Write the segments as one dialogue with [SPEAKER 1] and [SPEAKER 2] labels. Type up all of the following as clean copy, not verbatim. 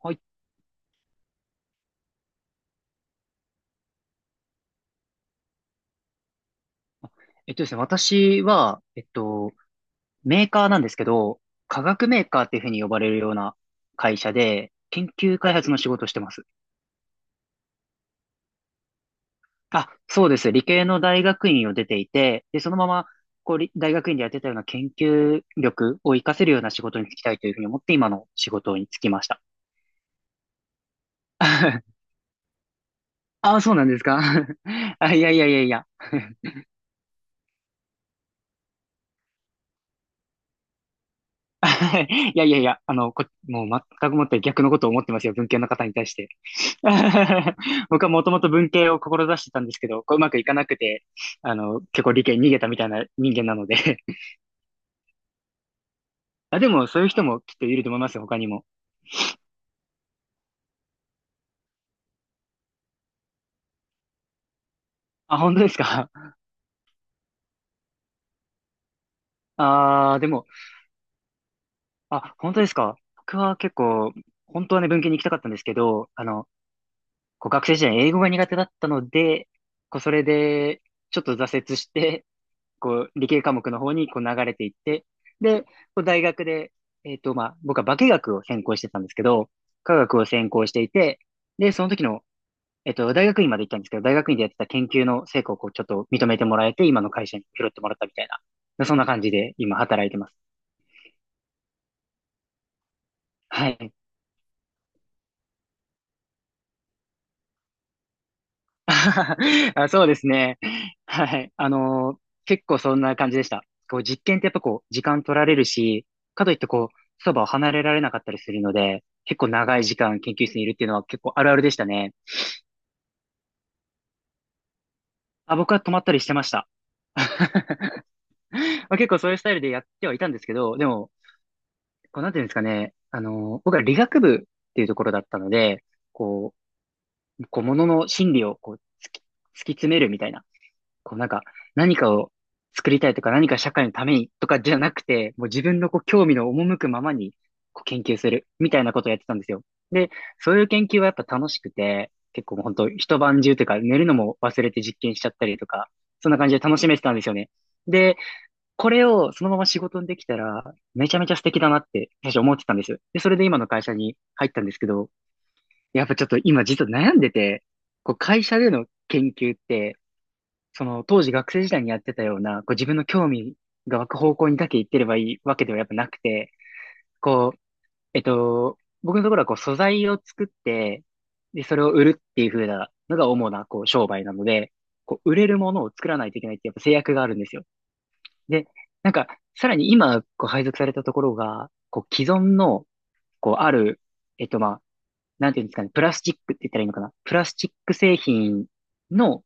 [SPEAKER 1] はい。えっとですね、私は、メーカーなんですけど、化学メーカーっていうふうに呼ばれるような会社で、研究開発の仕事をしてます。あ、そうです。理系の大学院を出ていて、で、そのまま、こう、大学院でやってたような研究力を活かせるような仕事に就きたいというふうに思って、今の仕事に就きました。あ、そうなんですか？ あ、いやいやいやいや。いやいやいや、あの、もう全くもって逆のことを思ってますよ。文系の方に対して。僕はもともと文系を志してたんですけど、こううまくいかなくて、あの、結構理系に逃げたみたいな人間なので。 あ、でもそういう人もきっといると思いますよ、他にも。あ、本当ですか。あー、でも、あ、本当ですか。僕は結構、本当はね、文系に行きたかったんですけど、あの、こう学生時代英語が苦手だったので、こうそれで、ちょっと挫折して、こう、理系科目の方にこう流れていって、で、こう大学で、まあ、僕は化学を専攻してたんですけど、科学を専攻していて、で、その時の、大学院まで行ったんですけど、大学院でやってた研究の成果をこう、ちょっと認めてもらえて、今の会社に拾ってもらったみたいな、そんな感じで今働いてます。はい。あ、そうですね。はい。結構そんな感じでした。こう、実験ってやっぱこう、時間取られるし、かといってこう、そばを離れられなかったりするので、結構長い時間研究室にいるっていうのは結構あるあるでしたね。あ、僕は泊まったりしてました。まあ、結構そういうスタイルでやってはいたんですけど、でも、こう、なんていうんですかね、僕は理学部っていうところだったので、ここう、ものの心理をこう、突き詰めるみたいな、こうなんか、何かを作りたいとか、何か社会のためにとかじゃなくて、もう自分のこう興味の赴くままにこう研究するみたいなことをやってたんですよ。で、そういう研究はやっぱ楽しくて、結構もう本当一晩中というか、寝るのも忘れて実験しちゃったりとか、そんな感じで楽しめてたんですよね。で、これをそのまま仕事にできたら、めちゃめちゃ素敵だなって、最初思ってたんです。で、それで今の会社に入ったんですけど、やっぱちょっと今実は悩んでて、こう会社での研究って、その当時学生時代にやってたような、こう自分の興味が湧く方向にだけ行ってればいいわけではやっぱなくて、こう、えっと、僕のところはこう素材を作って、で、それを売るっていう風なのが主なこう商売なので、こう売れるものを作らないといけないってやっぱ制約があるんですよ。で、なんか、さらに今こう配属されたところが、こう既存の、こうある、まあ、なんていうんですかね、プラスチックって言ったらいいのかな。プラスチック製品の、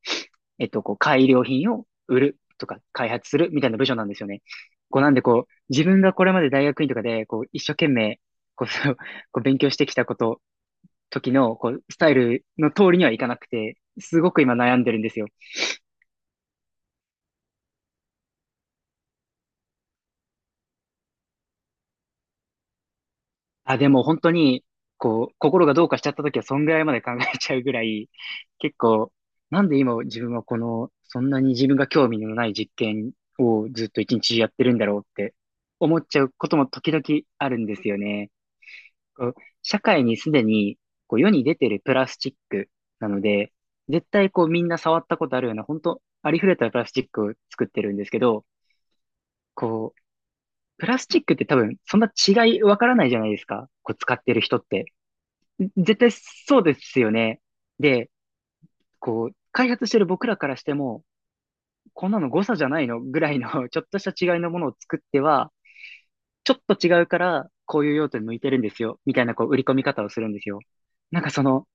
[SPEAKER 1] こう、改良品を売るとか開発するみたいな部署なんですよね。こう、なんでこう、自分がこれまで大学院とかで、こう、一生懸命、こう、そうこう勉強してきたこと、時の、こう、スタイルの通りにはいかなくて、すごく今悩んでるんですよ。あ、でも本当に、こう、心がどうかしちゃった時は、そんぐらいまで考えちゃうぐらい、結構、なんで今自分はこの、そんなに自分が興味のない実験をずっと一日中やってるんだろうって思っちゃうことも時々あるんですよね。こう社会にすでにこう世に出てるプラスチックなので、絶対こうみんな触ったことあるような、本当ありふれたプラスチックを作ってるんですけど、こう、プラスチックって多分そんな違いわからないじゃないですか。こう使ってる人って。絶対そうですよね。で、こう、開発してる僕らからしても、こんなの誤差じゃないのぐらいの ちょっとした違いのものを作っては、ちょっと違うから、こういう用途に向いてるんですよ、みたいな、こう、売り込み方をするんですよ。なんかその、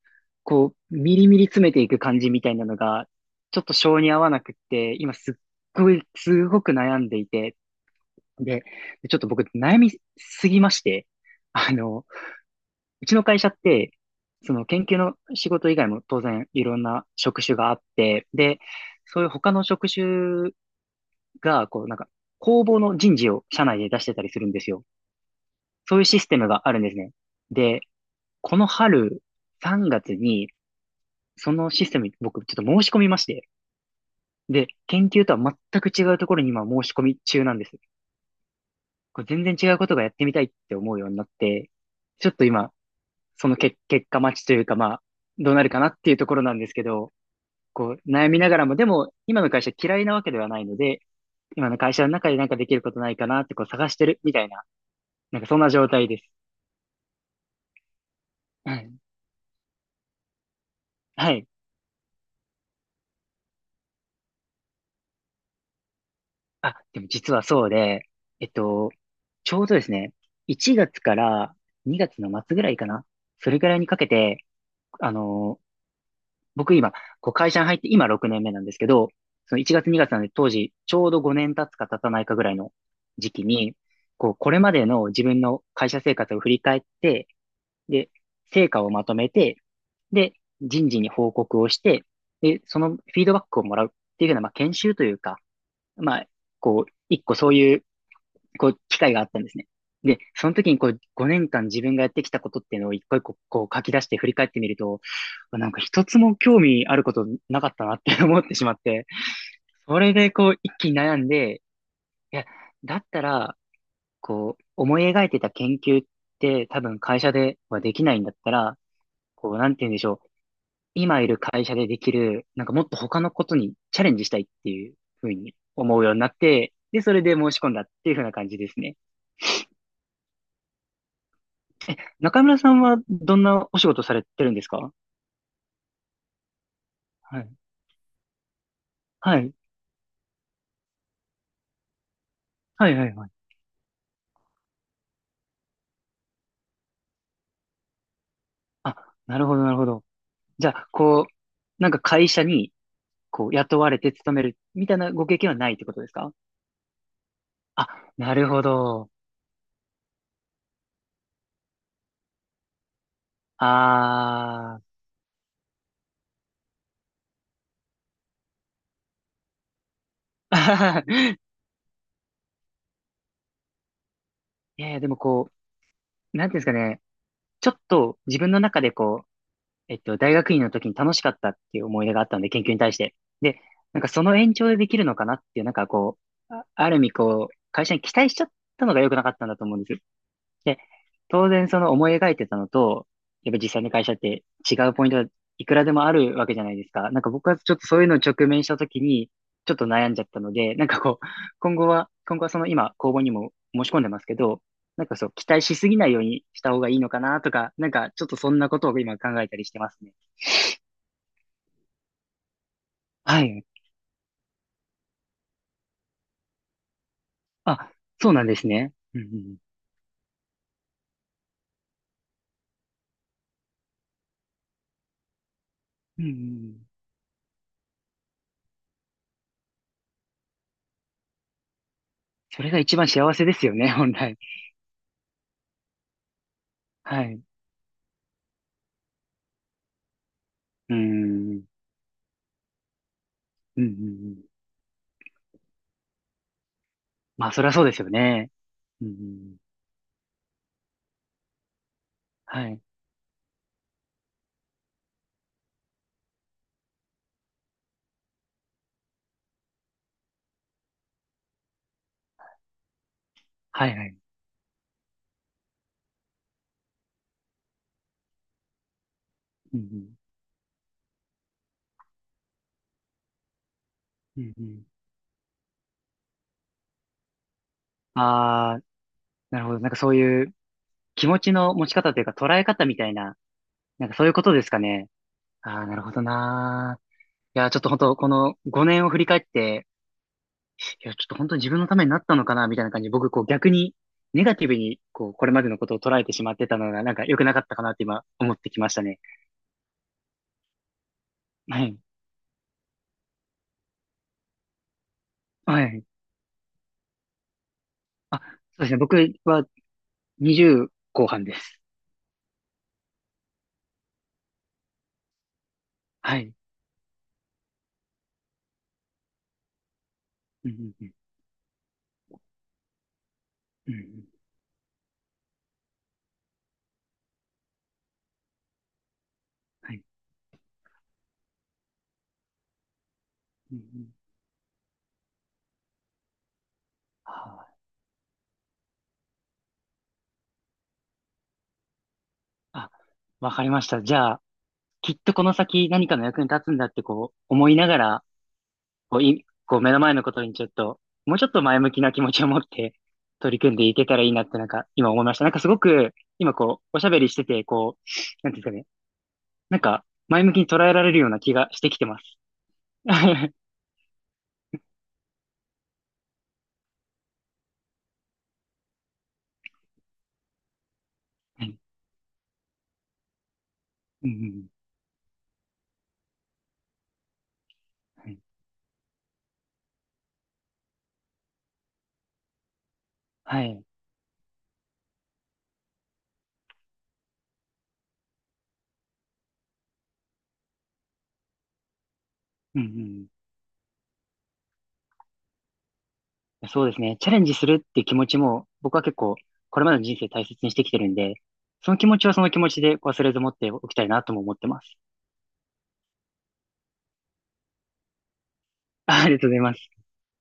[SPEAKER 1] こう、ミリミリ詰めていく感じみたいなのが、ちょっと性に合わなくって、今すっごい、すごく悩んでいて、で、ちょっと僕、悩みすぎまして、あの、うちの会社って、その研究の仕事以外も当然いろんな職種があって、で、そういう他の職種が、こう、なんか、公募の人事を社内で出してたりするんですよ。そういうシステムがあるんですね。で、この春、3月に、そのシステムに僕ちょっと申し込みまして、で、研究とは全く違うところに今申し込み中なんです。これ全然違うことがやってみたいって思うようになって、ちょっと今、その結果待ちというか、まあ、どうなるかなっていうところなんですけど、こう、悩みながらも、でも、今の会社嫌いなわけではないので、今の会社の中でなんかできることないかなってこう探してるみたいな、なんかそんな状態です。はい。はい。あ、でも実はそうで、えっと、ちょうどですね、1月から2月の末ぐらいかな。それぐらいにかけて、あのー僕今、こう会社に入って今6年目なんですけど、その1月2月なんで当時、ちょうど5年経つか経たないかぐらいの時期に、こう、これまでの自分の会社生活を振り返って、で、成果をまとめて、で、人事に報告をして、で、そのフィードバックをもらうっていうような、まあ、研修というか、まあ、こう、一個そういうこう、機会があったんですね。で、その時にこう、5年間自分がやってきたことっていうのを一個一個こう書き出して振り返ってみると、なんか一つも興味あることなかったなって思ってしまって、それでこう、一気に悩んで、いや、だったら、こう、思い描いてた研究って多分会社ではできないんだったら、こう、なんて言うんでしょう。今いる会社でできる、なんかもっと他のことにチャレンジしたいっていうふうに思うようになって、で、それで申し込んだっていうふうな感じですね。え、中村さんはどんなお仕事されてるんですか？はい。はい。はい、はい、はい。あ、なるほど、なるほど。じゃあ、こう、なんか会社に、こう、雇われて勤めるみたいなご経験はないってことですか？あ、なるほど。あー。いやいや、でもこう、なんていうんですかね。ちょっと自分の中でこう、大学院の時に楽しかったっていう思い出があったので、研究に対して。で、なんかその延長でできるのかなっていう、なんかこう、ある意味こう、会社に期待しちゃったのが良くなかったんだと思うんです。で、当然その思い描いてたのと、やっぱ実際の会社って違うポイントがいくらでもあるわけじゃないですか。なんか僕はちょっとそういうのを直面した時に、ちょっと悩んじゃったので、なんかこう、今後はその今、公募にも申し込んでますけど、なんかそう、期待しすぎないようにした方がいいのかなとか、なんかちょっとそんなことを今考えたりしてますね。はい。あ、そうなんですね。うんうん。うんうんうんうん。それが一番幸せですよね、本来。はい。うん。うんうんうん。まあ、そりゃそうですよね。うんうん。はい。はいはい。うんうん。うんうん。ああ、なるほど。なんかそういう気持ちの持ち方というか捉え方みたいな、なんかそういうことですかね。ああ、なるほどなー。いやー、ちょっと本当この5年を振り返って、いや、ちょっと本当に自分のためになったのかな、みたいな感じで、僕、こう逆に、ネガティブに、こう、これまでのことを捉えてしまってたのが、なんか良くなかったかなって今、思ってきましたね。はい。はい。あ、そうですね。僕は20後半です。はい。うんうんうん。うんうん。はい。うんうん。はい。あ、あわかりました。じゃあ、きっとこの先何かの役に立つんだって、こう、思いながら、こう、い、こう目の前のことにちょっと、もうちょっと前向きな気持ちを持って取り組んでいけたらいいなってなんか今思いました。なんかすごく今こう、おしゃべりしてて、こう、なんていうんですかね。なんか前向きに捉えられるような気がしてきてます。はい。うんうんうん。はい。はい。うんうんうんはいうん。うん。そうですね。チャレンジするっていう気持ちも僕は結構これまでの人生大切にしてきてるんで、その気持ちはその気持ちで忘れず持っておきたいなとも思ってます。ありがとうございます。